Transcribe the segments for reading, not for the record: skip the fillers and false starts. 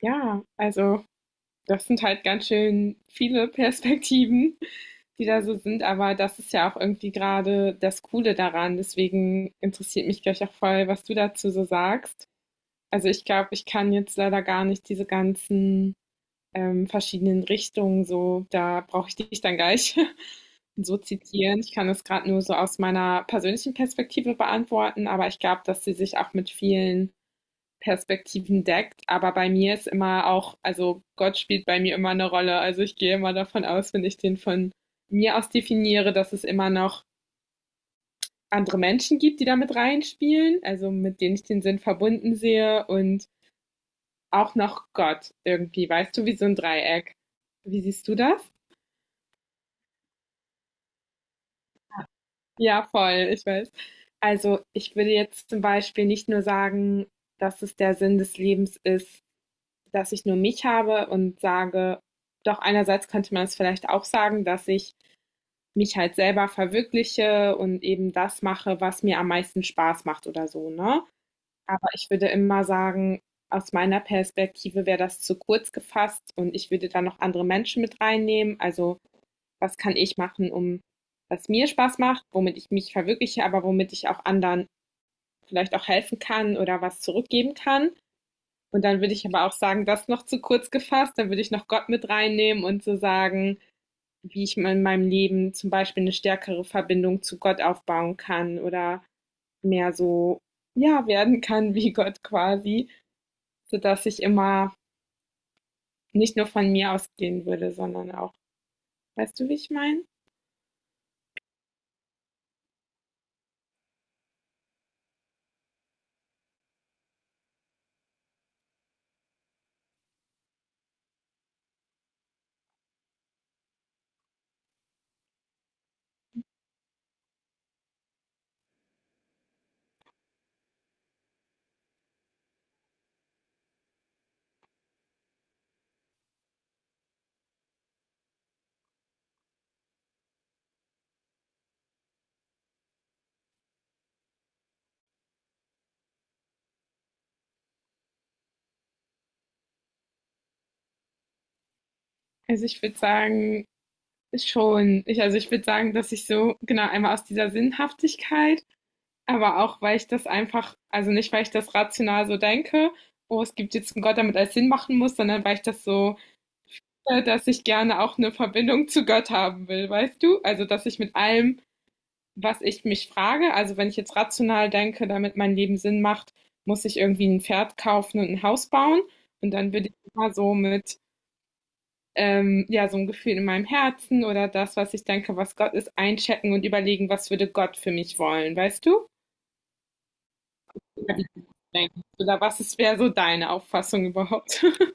Ja, also das sind halt ganz schön viele Perspektiven, die da so sind, aber das ist ja auch irgendwie gerade das Coole daran. Deswegen interessiert mich gleich auch voll, was du dazu so sagst. Also ich glaube, ich kann jetzt leider gar nicht diese ganzen verschiedenen Richtungen so, da brauche ich dich dann gleich so zitieren. Ich kann das gerade nur so aus meiner persönlichen Perspektive beantworten, aber ich glaube, dass sie sich auch mit vielen Perspektiven deckt. Aber bei mir ist immer auch, also Gott spielt bei mir immer eine Rolle. Also ich gehe immer davon aus, wenn ich den von mir aus definiere, dass es immer noch andere Menschen gibt, die damit reinspielen, also mit denen ich den Sinn verbunden sehe und auch noch Gott irgendwie, weißt du, wie so ein Dreieck. Wie siehst du das? Ja, voll, ich weiß. Also ich würde jetzt zum Beispiel nicht nur sagen, dass es der Sinn des Lebens ist, dass ich nur mich habe und sage, doch einerseits könnte man es vielleicht auch sagen, dass ich mich halt selber verwirkliche und eben das mache, was mir am meisten Spaß macht oder so, ne? Aber ich würde immer sagen, aus meiner Perspektive wäre das zu kurz gefasst und ich würde da noch andere Menschen mit reinnehmen. Also was kann ich machen, um was mir Spaß macht, womit ich mich verwirkliche, aber womit ich auch anderen vielleicht auch helfen kann oder was zurückgeben kann. Und dann würde ich aber auch sagen, das noch zu kurz gefasst. Dann würde ich noch Gott mit reinnehmen und so sagen, wie ich in meinem Leben zum Beispiel eine stärkere Verbindung zu Gott aufbauen kann oder mehr so, ja, werden kann wie Gott quasi, sodass ich immer nicht nur von mir ausgehen würde, sondern auch, weißt du, wie ich meine? Also ich würde sagen, schon, ich, also ich würde sagen, dass ich so, genau, einmal aus dieser Sinnhaftigkeit. Aber auch, weil ich das einfach, also nicht, weil ich das rational so denke, oh, es gibt jetzt einen Gott, damit alles Sinn machen muss, sondern weil ich das so, dass ich gerne auch eine Verbindung zu Gott haben will, weißt du? Also, dass ich mit allem, was ich mich frage, also wenn ich jetzt rational denke, damit mein Leben Sinn macht, muss ich irgendwie ein Pferd kaufen und ein Haus bauen. Und dann bin ich immer so mit, ja, so ein Gefühl in meinem Herzen oder das, was ich denke, was Gott ist, einchecken und überlegen, was würde Gott für mich wollen, weißt du? Oder denken. Oder was ist, wäre so deine Auffassung überhaupt?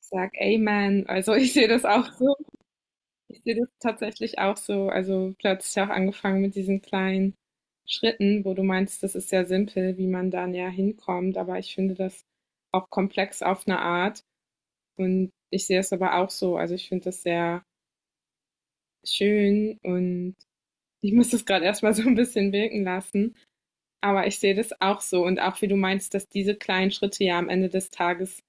Ich sag Amen. Also ich sehe das auch so. Ich sehe das tatsächlich auch so. Also du hast ja auch angefangen mit diesen kleinen Schritten, wo du meinst, das ist ja simpel, wie man dann ja hinkommt. Aber ich finde das auch komplex auf eine Art. Und ich sehe es aber auch so. Also ich finde das sehr schön und ich muss das gerade erstmal so ein bisschen wirken lassen. Aber ich sehe das auch so. Und auch wie du meinst, dass diese kleinen Schritte ja am Ende des Tages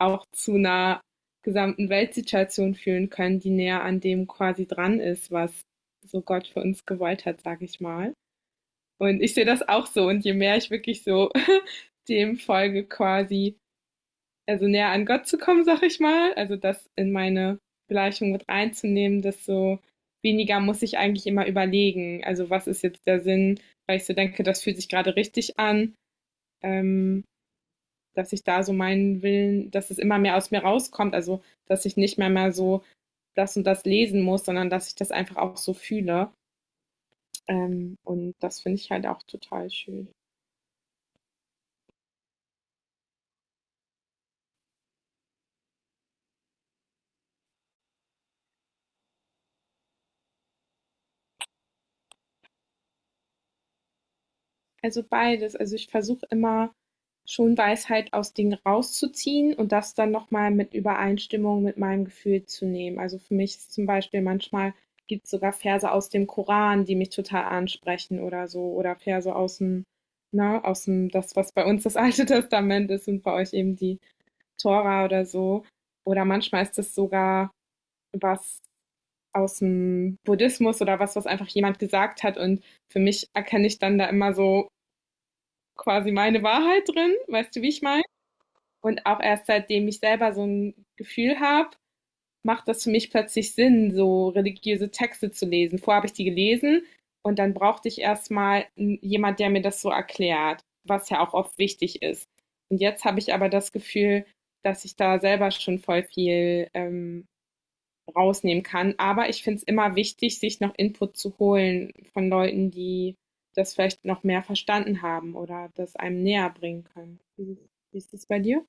auch zu 'ner gesamten Weltsituation fühlen können, die näher an dem quasi dran ist, was so Gott für uns gewollt hat, sage ich mal. Und ich sehe das auch so und je mehr ich wirklich so dem folge quasi, also näher an Gott zu kommen, sage ich mal, also das in meine Gleichung mit reinzunehmen, desto weniger muss ich eigentlich immer überlegen. Also, was ist jetzt der Sinn, weil ich so denke, das fühlt sich gerade richtig an, ähm dass ich da so meinen Willen, dass es immer mehr aus mir rauskommt, also dass ich nicht mehr mal so das und das lesen muss, sondern dass ich das einfach auch so fühle. Und das finde ich halt auch total schön. Also beides. Also ich versuche immer schon Weisheit aus Dingen rauszuziehen und das dann nochmal mit Übereinstimmung mit meinem Gefühl zu nehmen. Also für mich ist zum Beispiel manchmal gibt es sogar Verse aus dem Koran, die mich total ansprechen oder so, oder Verse aus dem, ne, aus dem, das, was bei uns das Alte Testament ist und bei euch eben die Tora oder so. Oder manchmal ist es sogar was aus dem Buddhismus oder was, was einfach jemand gesagt hat. Und für mich erkenne ich dann da immer so quasi meine Wahrheit drin, weißt du, wie ich meine? Und auch erst seitdem ich selber so ein Gefühl habe, macht das für mich plötzlich Sinn, so religiöse Texte zu lesen. Vorher habe ich die gelesen und dann brauchte ich erstmal jemand, der mir das so erklärt, was ja auch oft wichtig ist. Und jetzt habe ich aber das Gefühl, dass ich da selber schon voll viel rausnehmen kann. Aber ich finde es immer wichtig, sich noch Input zu holen von Leuten, die das vielleicht noch mehr verstanden haben oder das einem näher bringen können. Wie, wie ist es bei dir?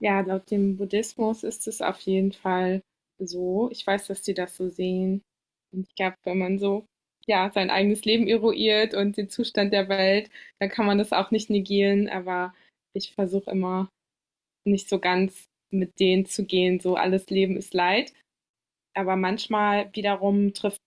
Ja, laut dem Buddhismus ist es auf jeden Fall so. Ich weiß, dass die das so sehen. Und ich glaube, wenn man so ja, sein eigenes Leben eruiert und den Zustand der Welt, dann kann man das auch nicht negieren. Aber ich versuche immer nicht so ganz mit denen zu gehen, so alles Leben ist Leid. Aber manchmal wiederum trifft,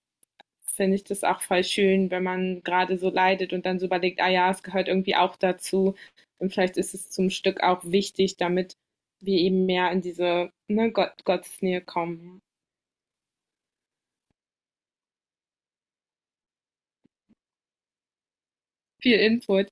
finde ich, das auch voll schön, wenn man gerade so leidet und dann so überlegt, ah ja, es gehört irgendwie auch dazu. Und vielleicht ist es zum Stück auch wichtig, damit wir eben mehr in diese, ne, Gott, Gottesnähe kommen. Viel Input.